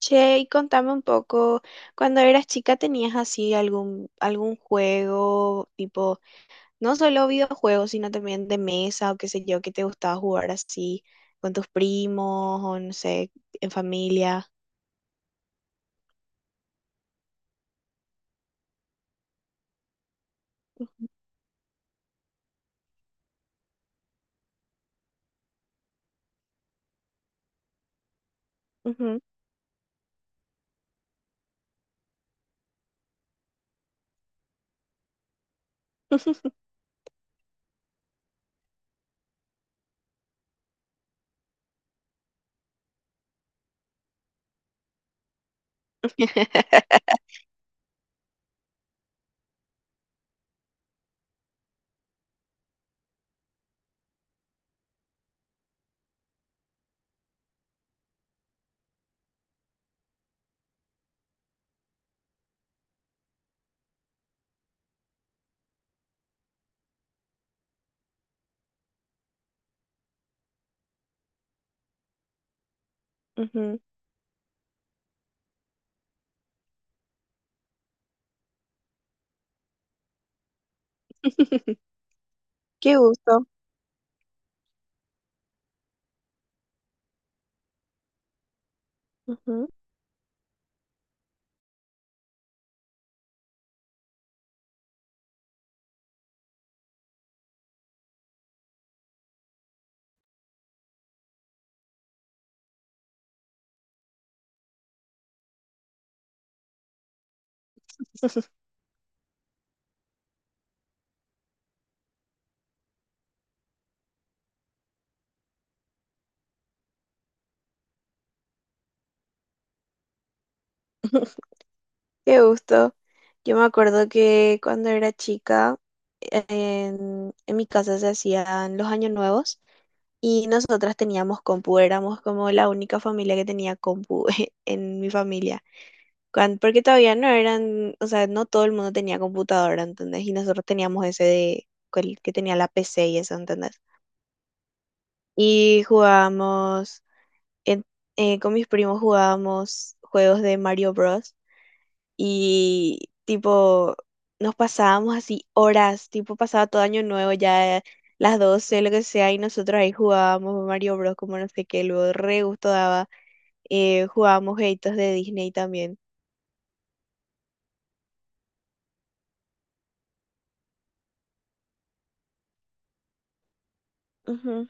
Che, y contame un poco, cuando eras chica tenías así algún juego, tipo, no solo videojuegos, sino también de mesa o qué sé yo, que te gustaba jugar así con tus primos o no sé, en familia. Ujú, ujú. Qué gusto. Ujú. Qué gusto. Yo me acuerdo que cuando era chica, en mi casa se hacían los años nuevos. Y nosotras teníamos compu, éramos como la única familia que tenía compu en mi familia. Cuan- porque todavía no eran, o sea, no todo el mundo tenía computadora, ¿entendés? Y nosotros teníamos ese de cual- que tenía la PC y eso, ¿entendés? Y jugábamos, en- con mis primos jugábamos juegos de Mario Bros y tipo nos pasábamos así horas, tipo pasaba todo año nuevo ya las 12 lo que sea, y nosotros ahí jugábamos Mario Bros. Como no sé qué, luego re gusto daba. Jugábamos jueguitos de Disney también. Ujú.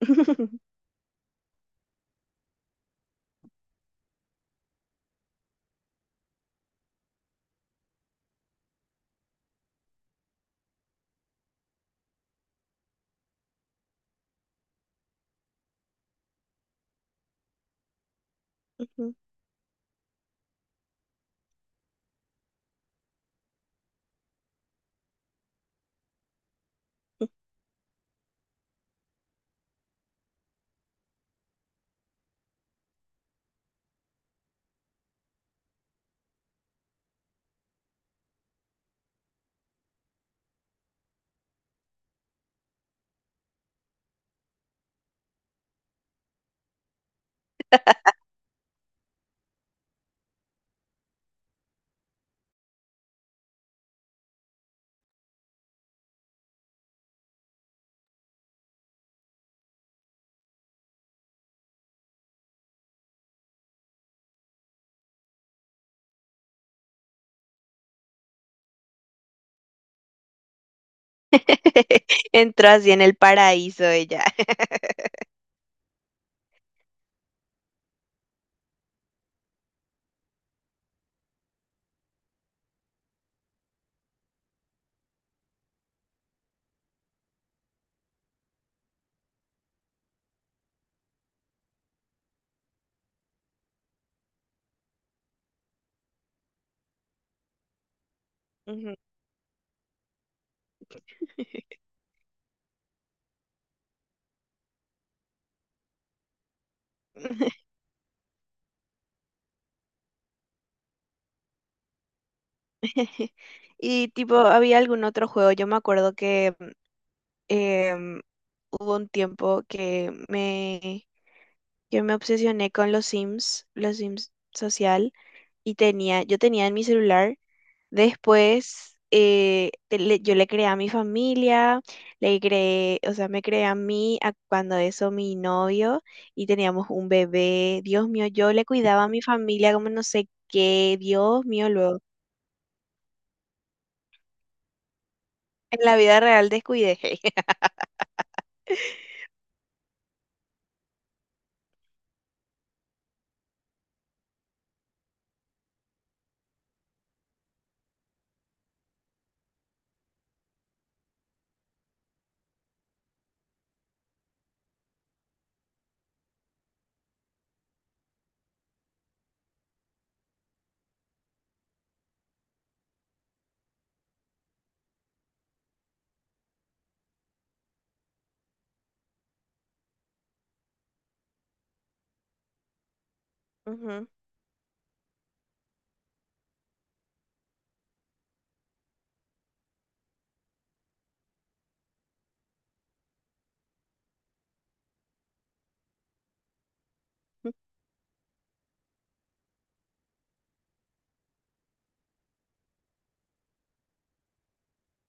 Ujú. Entró así en el paraíso ella. Ujú. Y tipo, había algún otro juego. Yo me acuerdo que em, hubo un tiempo que que me obsesioné con los Sims social, y tenía, yo tenía en mi celular. Después te- le- yo le creé a mi familia, le creé, o sea, me creé a mí, a cuando eso mi novio, y teníamos un bebé. Dios mío, yo le cuidaba a mi familia como no sé qué, Dios mío, luego. En la vida real descuidé. Ujú.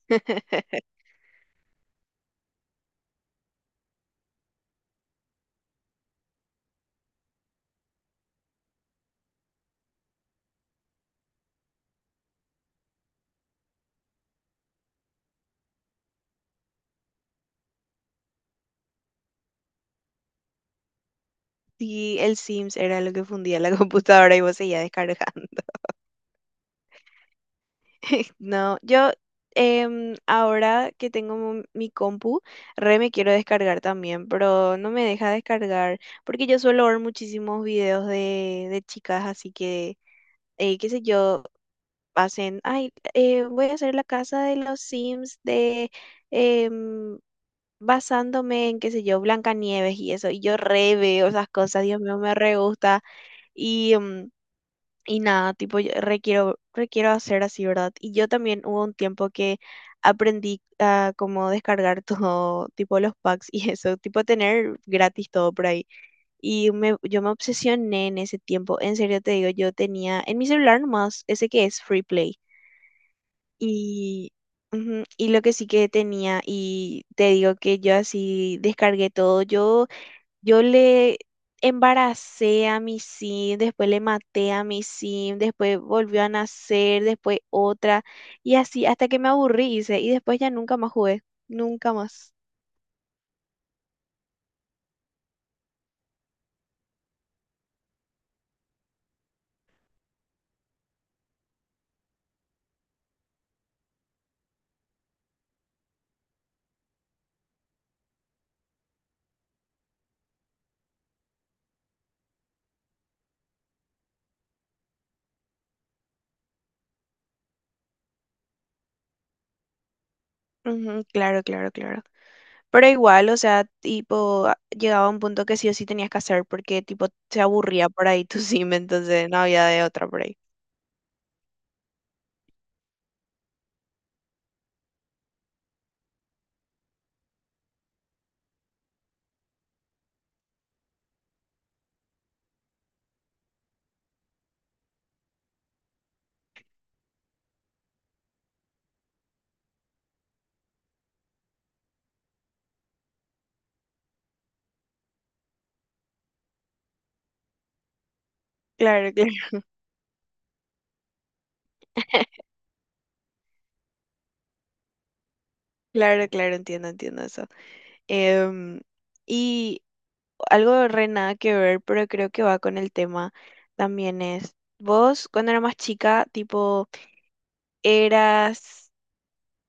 Sí, el Sims era lo que fundía la computadora y vos seguías descargando. No, yo ahora que tengo mo- mi compu, re me quiero descargar también, pero no me deja descargar porque yo suelo ver muchísimos videos de chicas, así que, qué sé yo, hacen, ay, voy a hacer la casa de los Sims de... em, basándome en, qué sé yo, Blancanieves y eso, y yo re veo esas cosas, Dios mío, me re gusta, y... em, y nada, tipo, yo requiero, requiero hacer así, ¿verdad? Y yo también hubo un tiempo que aprendí a cómo descargar todo, tipo los packs y eso, tipo tener gratis todo por ahí. Y me, yo me obsesioné en ese tiempo, en serio te digo, yo tenía en mi celular nomás ese que es Free Play. Y, ujú, y lo que sí que tenía, y te digo que yo así descargué todo, yo le embaracé a mi sim, después le maté a mi sim, después volvió a nacer, después otra, y así hasta que me aburrí, hice, y después ya nunca más jugué, nunca más. Ujú, claro, claro, claro. Pero igual, o sea, tipo, a- llegaba un punto que sí o sí tenías que hacer porque, tipo, se aburría por ahí tu sim, entonces no había de otra por ahí. Claro, claro, claro, claro, entiendo, entiendo eso. Em, y algo re nada que ver, pero creo que va con el tema también es, vos cuando eras más chica, tipo, eras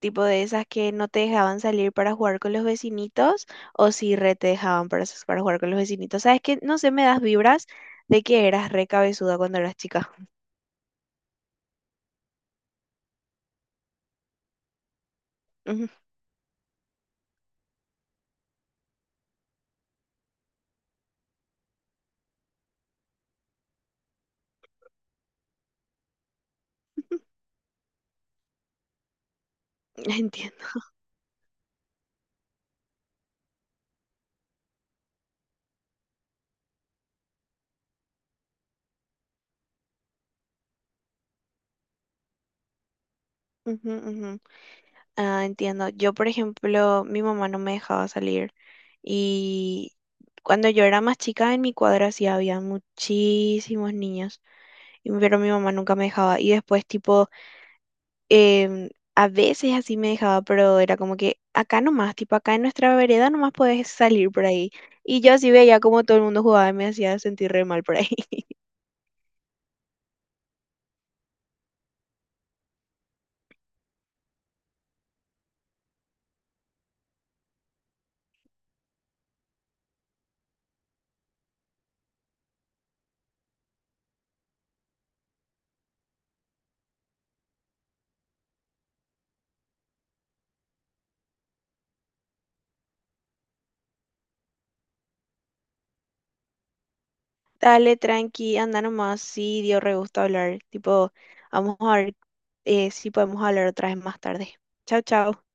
tipo de esas que no te dejaban salir para jugar con los vecinitos o si re te dejaban para, s- para jugar con los vecinitos. Sabes que, no sé, me das vibras de que eras re cabezuda cuando eras chica. Ujú. Entiendo. Ujú, ujú. Ah, entiendo. Yo, por ejemplo, mi mamá no me dejaba salir y cuando yo era más chica en mi cuadra sí había muchísimos niños, y- pero mi mamá nunca me dejaba. Y después, tipo, a veces así me dejaba, pero era como que acá nomás, tipo, acá en nuestra vereda nomás podés salir por ahí. Y yo así veía como todo el mundo jugaba y me hacía sentir re mal por ahí. Dale, tranqui, anda nomás. Sí, dio re gusto hablar. Tipo, vamos a ver si podemos hablar otra vez más tarde. Chao, chao.